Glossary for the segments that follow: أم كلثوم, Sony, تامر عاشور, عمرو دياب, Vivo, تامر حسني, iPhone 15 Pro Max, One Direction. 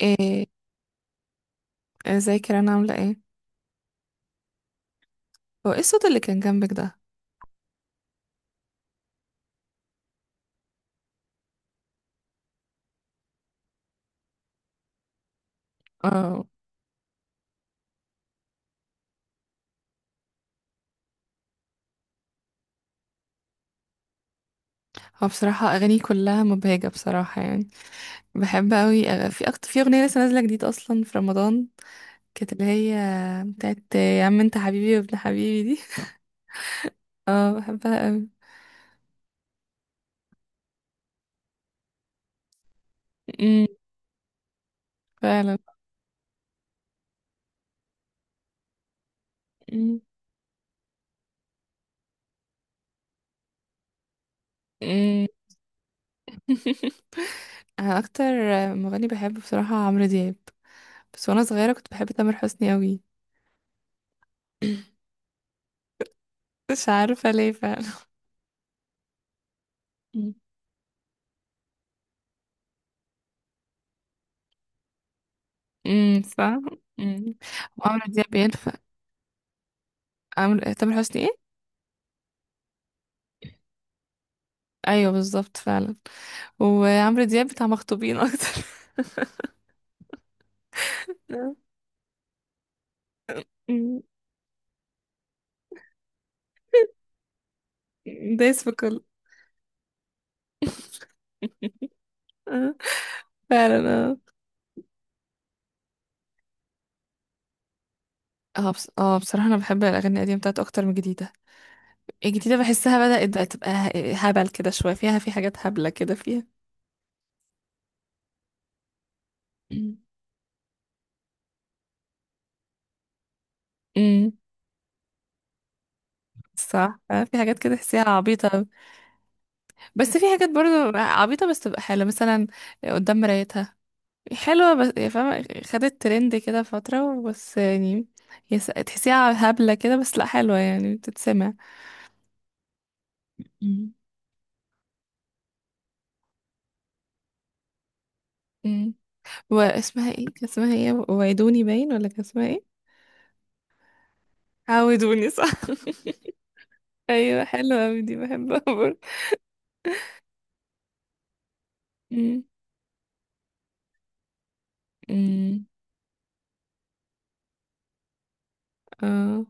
ايه، ازيك يا رنا، عاملة ايه؟ هو ايه الصوت اللي كان جنبك ده؟ اه. هو بصراحة اغاني كلها مبهجة، بصراحة يعني. بحب اوي، في أكتر، في اغنية لسه نازلة جديد اصلا في رمضان، كانت اللي هي بتاعت يا عم انت حبيبي وابن حبيبي دي. اه، بحبها اوي. أمم، فعلا. أمم، أمم. انا اكتر مغني بحبه بصراحة عمرو دياب، بس وانا صغيرة كنت بحب تامر حسني اوي. مش عارفة ليه فعلا. امم، صح. امم وعمرو دياب ينفع. تامر حسني ايه؟ ايوه، بالظبط فعلا. وعمرو دياب بتاع مخطوبين اكتر. آه. أمم. دايس في كله. آه. فعلا اه اه. بصراحة انا بحب الاغاني القديمة بتاعت اكتر من الجديدة. الجديدة بحسها بدأت بقى تبقى هبل كده شوية، فيها في حاجات هبلة كده فيها. أمم. أمم. صح. آه، في حاجات كده تحسيها عبيطة. بس في حاجات برضو عبيطة بس تبقى حلوة، مثلا قدام مرايتها حلوة، بس يا فاهمة خدت ترند كده فترة بس يعني. هي تحسيها هبلة كده، بس لا حلوة يعني بتتسمع. مم. مم. واسمها ايه؟ كان اسمها ايه؟ وعدوني باين؟ ولا كان اسمها ايه؟ عودوني. صح. ايوه، حلوة اوي دي، بحبها برضه. مم. مم. اه،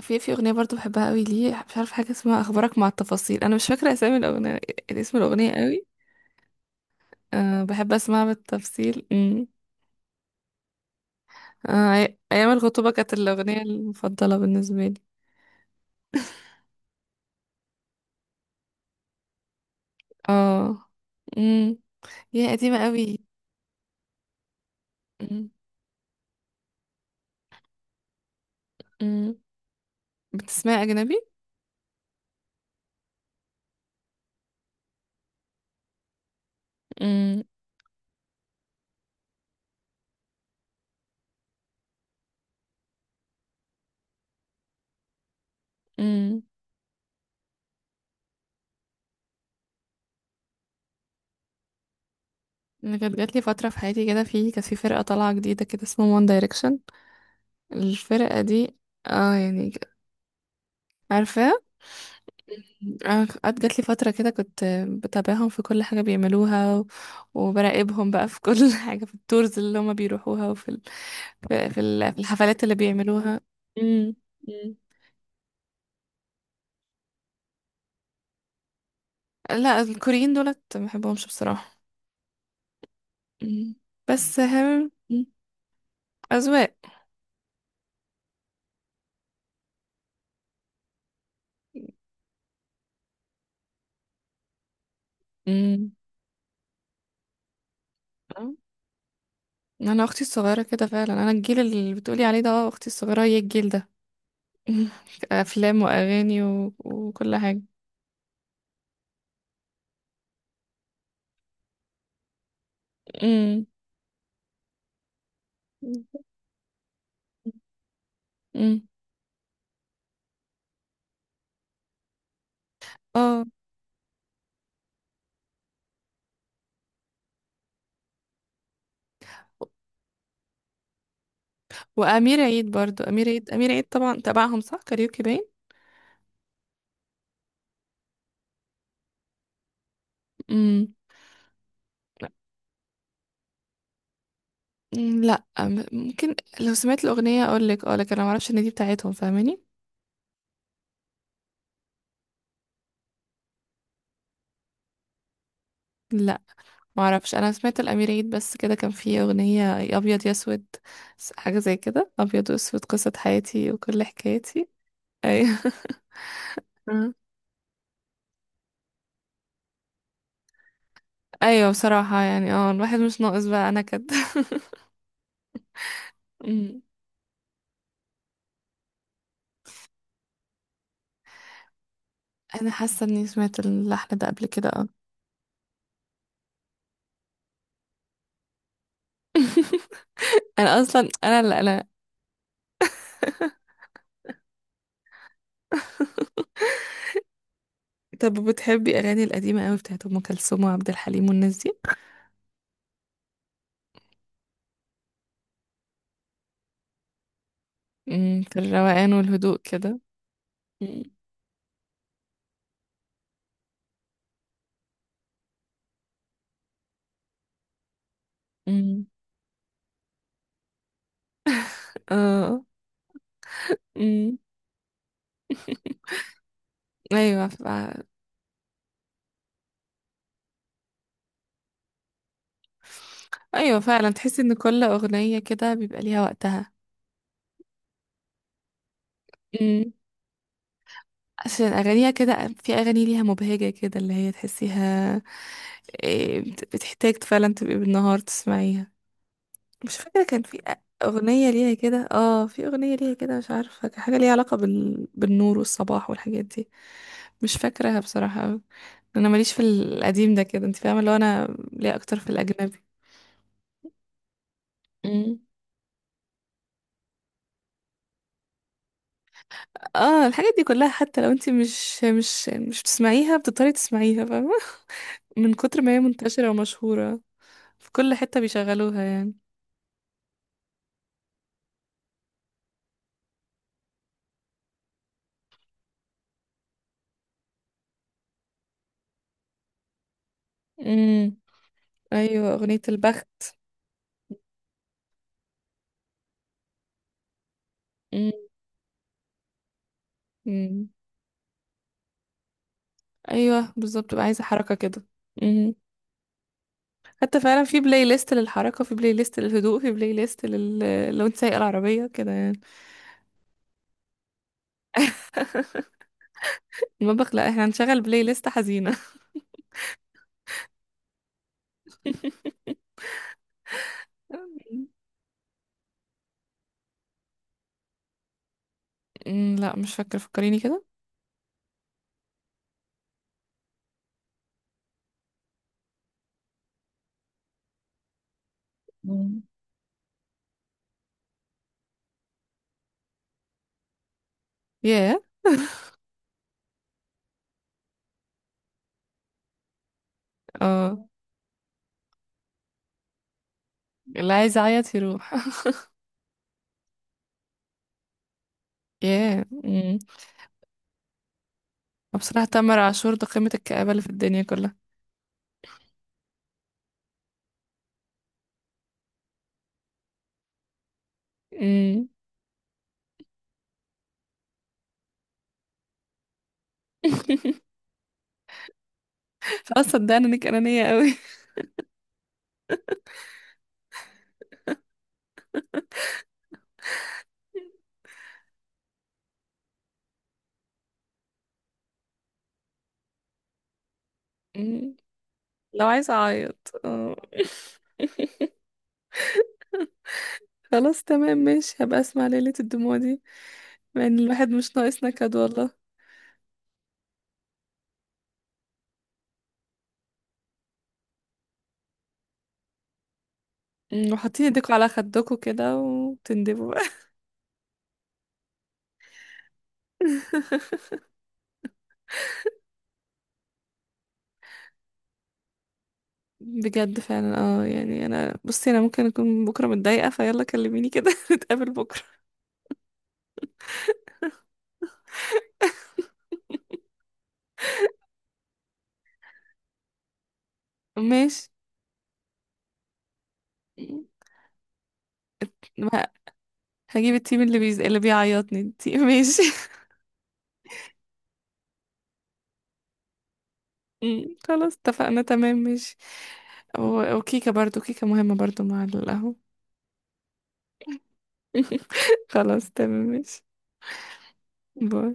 في اغنية برضه بحبها قوي ليه، مش عارفة، حاجة اسمها اخبارك مع التفاصيل، انا مش فاكرة اسامي الاغنية، اسم الاغنية قوي. أه بحب اسمعها بالتفصيل. مم. آه، ايام الخطوبة كانت الأغنية المفضلة بالنسبة لي. اه. امم يا قديمة قوي. امم. امم. بتسمعي أجنبي؟ امم. امم. انا كانت جات لي فترة في حياتي كده، في كانت في فرقة طالعة جديدة كده اسمها وان دايركشن. الفرقة دي، اه يعني، عارفاها؟ أنا قعدت، جات لي فترة كده كنت بتابعهم في كل حاجة بيعملوها، وبراقبهم بقى في كل حاجة في التورز اللي هما بيروحوها وفي ال... في في ال- في الحفلات اللي بيعملوها. امم لا، الكوريين دولت ما بحبهمش بصراحة. مم. بس هل. مم. أذواق. مم. انا اختي الصغيره كده فعلا، انا الجيل اللي بتقولي عليه ده، اه اختي الصغيره هي الجيل ده. افلام واغاني وكل حاجه. امم. امم. اه، وامير عيد برضو، امير عيد امير عيد طبعا تبعهم، صح كاريوكي باين. امم لا، ممكن لو سمعت الاغنيه اقول لك، اه لكن انا ما اعرفش ان دي بتاعتهم، فاهماني؟ لا، ما اعرفش. انا سمعت الامير عيد بس كده، كان فيه اغنيه يا ابيض يا اسود، حاجه زي كده، ابيض واسود قصه حياتي وكل حكايتي. ايوه. أه. ايوه بصراحه يعني، اه الواحد مش ناقص بقى انا كده. أمم. انا حاسه اني سمعت اللحن ده قبل كده، اه. انا اصلا، انا اللي انا. طب، بتحبي اغاني القديمه قوي بتاعت ام كلثوم وعبد الحليم والناس دي؟ أمم، في الروقان والهدوء كده. أمم. أمم. اه. أمم. ايوه، ايوه، فعلا تحس ان كل اغنيه كده بيبقى ليها وقتها. امم عشان اغانيها كده، في اغاني ليها مبهجه كده اللي هي تحسيها. إيه، بتحتاج فعلا تبقي بالنهار تسمعيها. مش فاكره كان في اغنيه ليها كده، مش عارفه كان حاجه ليها علاقه بالنور والصباح والحاجات دي. مش فاكراها بصراحه أوي. انا ماليش في القديم ده كده، انت فاهمه، اللي هو انا ليا اكتر في الاجنبي. اه، الحاجات دي كلها، حتى لو انت مش بتسمعيها بتضطري تسمعيها، فاهمة؟ من كتر ما هي منتشرة ومشهورة، في كل حتة بيشغلوها يعني. امم، ايوه اغنية البخت. امم. أمم. ايوه، بالظبط بقى، عايزة حركة كده. امم حتى فعلا في بلاي ليست للحركة، في بلاي ليست للهدوء، في بلاي ليست لو انت سايقة العربية كده يعني. المطبخ. لا، احنا هنشغل بلاي ليست حزينة. أمم، لا مش فاكرة، فكريني كده. مم. ياه. اه، اللي عايز يعيط يروح. ياه. وبصراحة تامر عاشور ده قمة الكآبة اللي في الدنيا كلها. امم. خلاص صدقني انك انانية قوي. مم. لو عايزة اعيط، آه. خلاص تمام ماشي، هبقى اسمع ليلة الدموع دي. يعني الواحد مش ناقص نكد، والله. مم، وحاطين ايديكوا على خدكوا كده وتندبوا بقى. بجد فعلا اه يعني، انا بصي، انا ممكن اكون بكرة متضايقة، فيلا كلميني كده. نتقابل بكرة. ماشي، ما هجيب التيم اللي بيعيطني. انتي ماشي. مم، خلاص اتفقنا تمام ماشي. وكيكة برضو، كيكة مهمة برضو مع القهوة. خلاص تمام ماشي. باي.